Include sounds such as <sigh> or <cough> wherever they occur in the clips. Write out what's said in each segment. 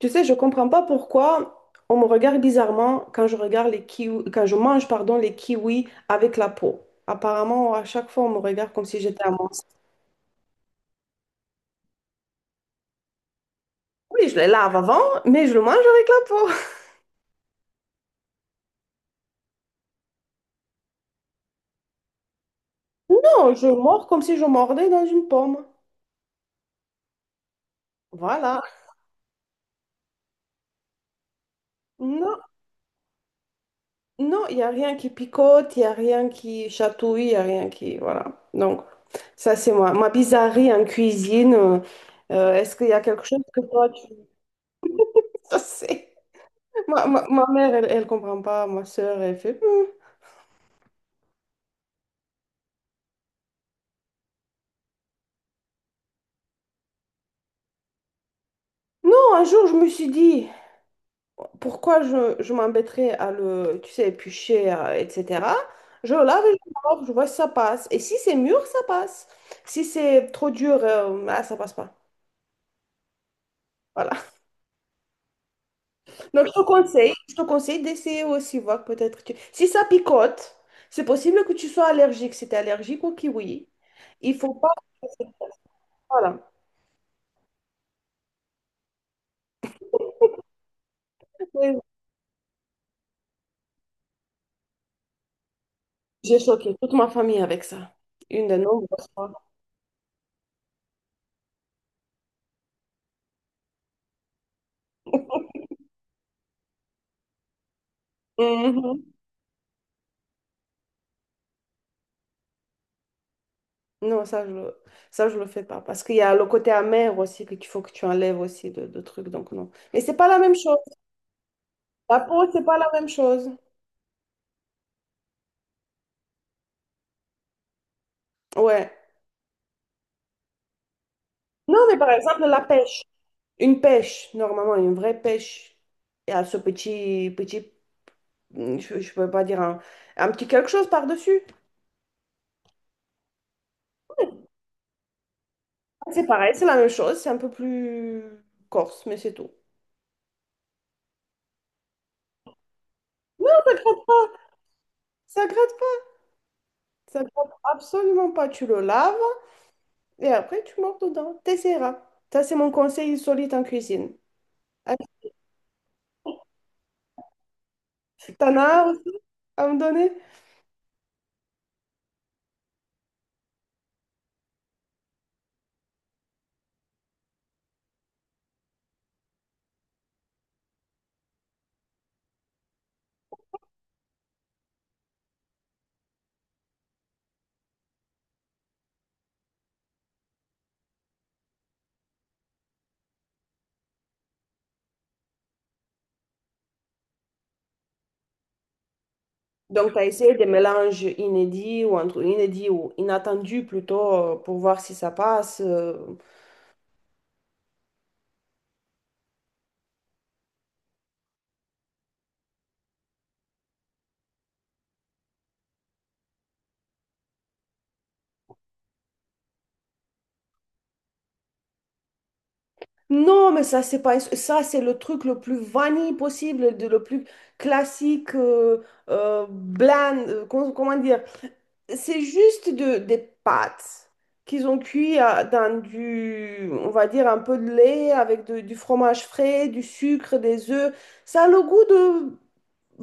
Tu sais, je comprends pas pourquoi on me regarde bizarrement quand je regarde les kiwis, quand je mange, pardon, les kiwis avec la peau. Apparemment, à chaque fois, on me regarde comme si j'étais un monstre. Oui, je les lave avant, mais je le mange avec la peau. <laughs> Non, je mords comme si je mordais dans une pomme. Voilà. Non, non, il n'y a rien qui picote, il n'y a rien qui chatouille, il n'y a rien qui... Voilà. Donc, ça, c'est moi. Ma bizarrerie en cuisine. Est-ce qu'il y a quelque chose que toi? <laughs> Ça, c'est... ma mère, elle, elle comprend pas. Ma sœur, elle fait. Hmm. Non, un jour, je me suis dit, pourquoi je m'embêterais à le, tu sais, éplucher, etc. Je lave et je sors, je vois si ça passe. Et si c'est mûr, ça passe. Si c'est trop dur, ça passe pas. Voilà. Donc, je te conseille d'essayer aussi, voir peut-être. Si ça picote, c'est possible que tu sois allergique. Si tu es allergique au kiwi, il faut pas. Voilà. Oui, j'ai choqué toute ma famille avec ça. Une de nombreuses fois. Mhm. Non, ça, je le, Ça, je le fais pas. Parce qu'il y a le côté amer aussi qu'il faut que tu enlèves aussi de trucs. Donc, non. Mais c'est pas la même chose. La peau, c'est pas la même chose. Ouais. Non, mais par exemple, la pêche. Une pêche, normalement, une vraie pêche. Il y a ce petit, hmm, je peux pas dire un petit quelque chose par-dessus. C'est pareil, c'est la même chose. C'est un peu plus corse, mais c'est tout. Ça gratte pas. Ça gratte absolument pas. Tu le laves et après, tu mords dedans. T'essaieras. Ça, c'est mon conseil solide en cuisine. T'en as aussi à me donner? Donc, tu as essayé des mélanges inédits ou entre inédits ou inattendus plutôt pour voir si ça passe. Non, mais ça, c'est pas ça, c'est le truc le plus vanille possible, de, le plus classique, bland, comment dire? C'est juste des pâtes qu'ils ont cuit dans du, on va dire, un peu de lait avec du fromage frais, du sucre, des œufs. Ça a le goût de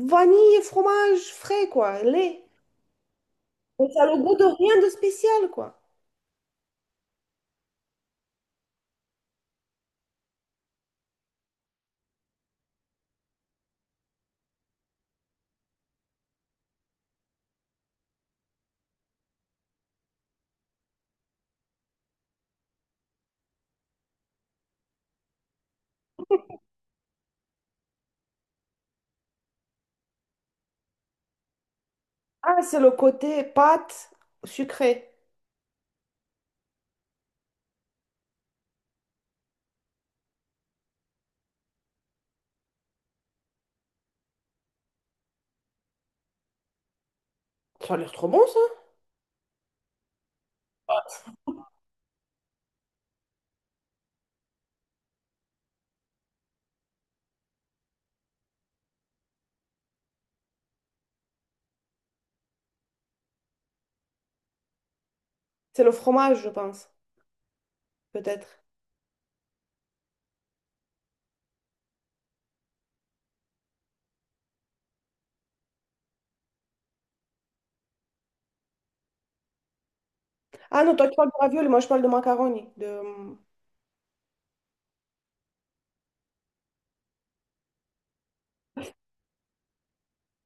vanille et fromage frais, quoi, lait. Mais ça a le goût de rien de spécial, quoi. Ah, c'est le côté pâte sucrée. Ça a l'air trop bon, ça. C'est le fromage, je pense, peut-être. Ah non, toi, tu parles de ravioli, moi, je parle de macaroni. De...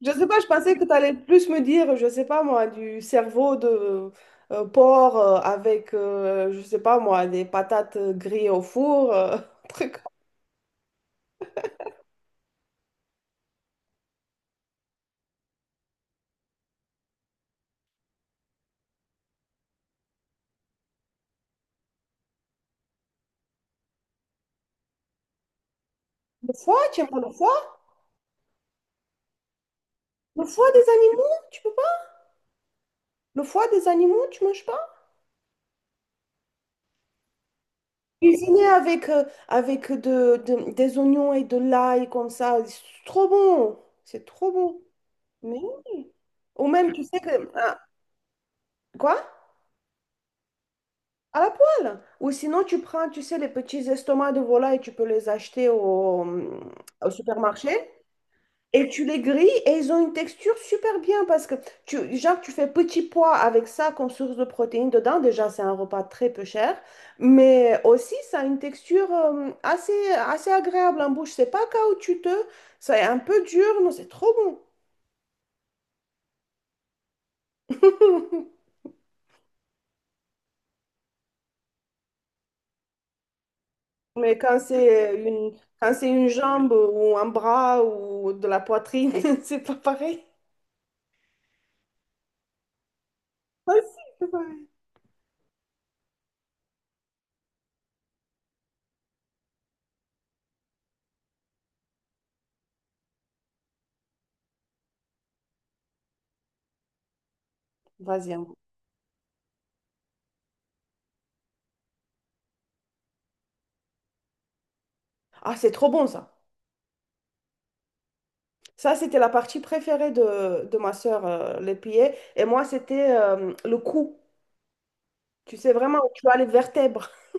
Je sais pas, je pensais que tu allais plus me dire, je sais pas, moi, du cerveau de porc avec, je sais pas, moi, des patates grillées au four. <laughs> Un truc. Le foie, tu aimes pas le foie? Le foie des animaux, tu peux pas? Le foie des animaux, tu manges pas? Cuisiner avec, avec des oignons et de l'ail comme ça, c'est trop bon. C'est trop bon. Mais oui. Ou même, tu sais que... quoi? À la poêle. Ou sinon, tu prends, tu sais, les petits estomacs de volaille, tu peux les acheter au supermarché. Et tu les grilles et ils ont une texture super bien parce que tu, genre, tu fais petit pois avec ça comme source de protéines dedans. Déjà, c'est un repas très peu cher, mais aussi ça a une texture euh, assez agréable en bouche. C'est pas caoutchouteux, c'est un peu dur, mais c'est trop bon. <laughs> Mais quand c'est une jambe ou un bras ou de la poitrine, <laughs> c'est pas pareil. Ah, si, c'est pareil. Vas-y. Un goût. Ah, c'est trop bon ça. Ça, c'était la partie préférée de ma sœur, les pieds. Et moi, c'était le cou. Tu sais vraiment où tu as les vertèbres. <laughs>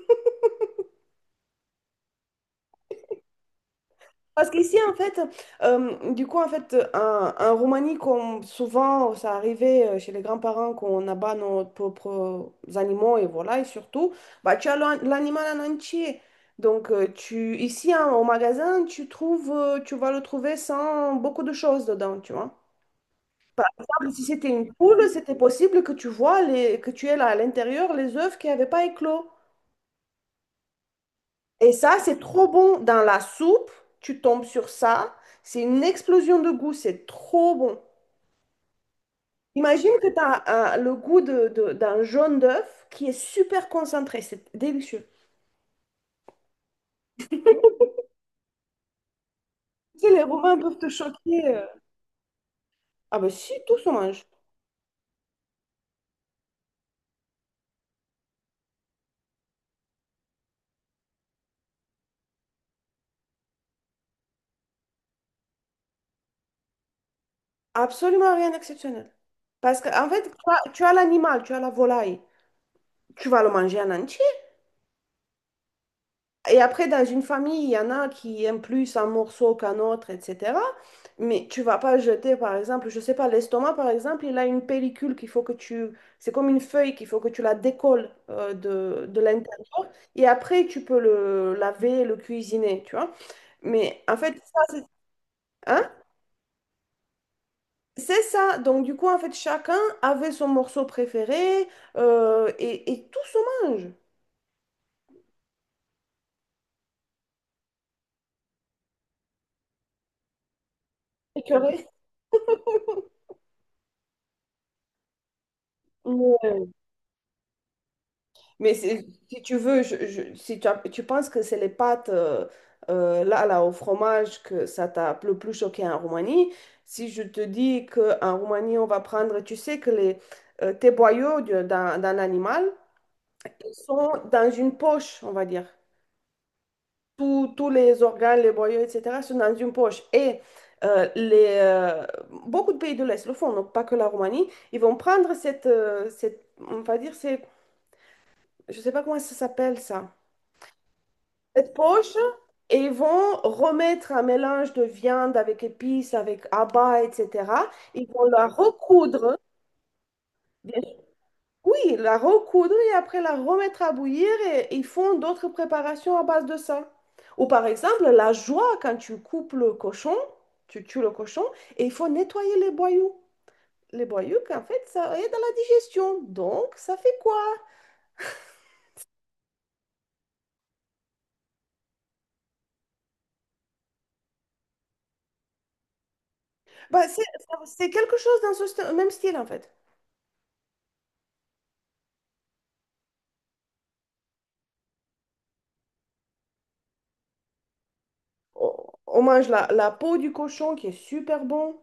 Parce qu'ici, en fait, en Roumanie, comme souvent, ça arrivait chez les grands-parents qu'on abat nos propres animaux et voilà, et surtout, bah, tu as l'animal en entier. Donc, ici, hein, au magasin, tu trouves, tu vas le trouver sans beaucoup de choses dedans, tu vois. Par exemple, si c'était une poule, c'était possible que tu vois les, que tu aies là à l'intérieur les œufs qui n'avaient pas éclos. Et ça, c'est trop bon. Dans la soupe, tu tombes sur ça. C'est une explosion de goût. C'est trop bon. Imagine que tu as le goût d'un jaune d'œuf qui est super concentré. C'est délicieux. Tu sais, les Romains peuvent te choquer. Ah ben si, tout se mange. Absolument rien d'exceptionnel. Parce qu'en fait, tu as l'animal, tu as la volaille. Tu vas le manger en entier. Et après, dans une famille, il y en a qui aiment plus un morceau qu'un autre, etc. Mais tu vas pas jeter, par exemple, je sais pas, l'estomac, par exemple, il a une pellicule qu'il faut que tu... C'est comme une feuille qu'il faut que tu la décolles euh, de l'intérieur. Et après, tu peux le laver, le cuisiner, tu vois. Mais en fait, ça, c'est... Hein? C'est ça. Donc, du coup, en fait, chacun avait son morceau préféré et tout se mange. Écœuré. Mais c'est- si tu veux, si tu penses que c'est les pâtes là, au fromage que ça t'a le plus choqué en Roumanie, si je te dis qu'en Roumanie, on va prendre, tu sais que les tes boyaux d'un animal sont dans une poche, on va dire. Tous les organes, les boyaux, etc., sont dans une poche. Et euh, les, euh, beaucoup de pays de l'Est le font, donc pas que la Roumanie, ils vont prendre cette, on va dire, c'est, je sais pas comment ça s'appelle ça. Cette poche et ils vont remettre un mélange de viande avec épices, avec abats, etc. Ils vont la recoudre, bien sûr. Oui, la recoudre et après la remettre à bouillir et ils font d'autres préparations à base de ça. Ou par exemple, la joie quand tu coupes le cochon, tu tues le cochon et il faut nettoyer les boyaux. Les boyaux, qu'en fait, ça aide à la digestion. Donc, ça fait quoi? Bah, c'est quelque chose dans ce même style, en fait. On mange la peau du cochon qui est super bon.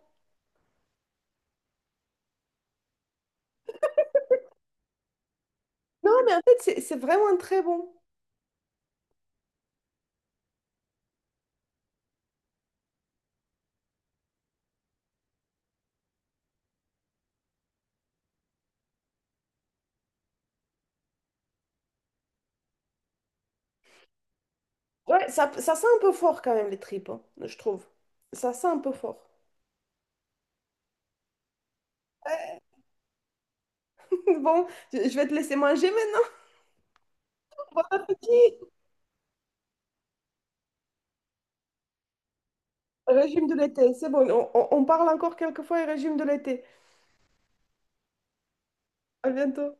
Non, mais en fait, c'est vraiment très bon. Ouais, ça sent un peu fort quand même, les tripes, hein, je trouve. Ça sent un peu fort. <laughs> Bon, je vais te laisser manger maintenant. <laughs> Bon appétit. Régime de l'été, c'est bon. On parle encore quelques fois et régime de l'été. À bientôt.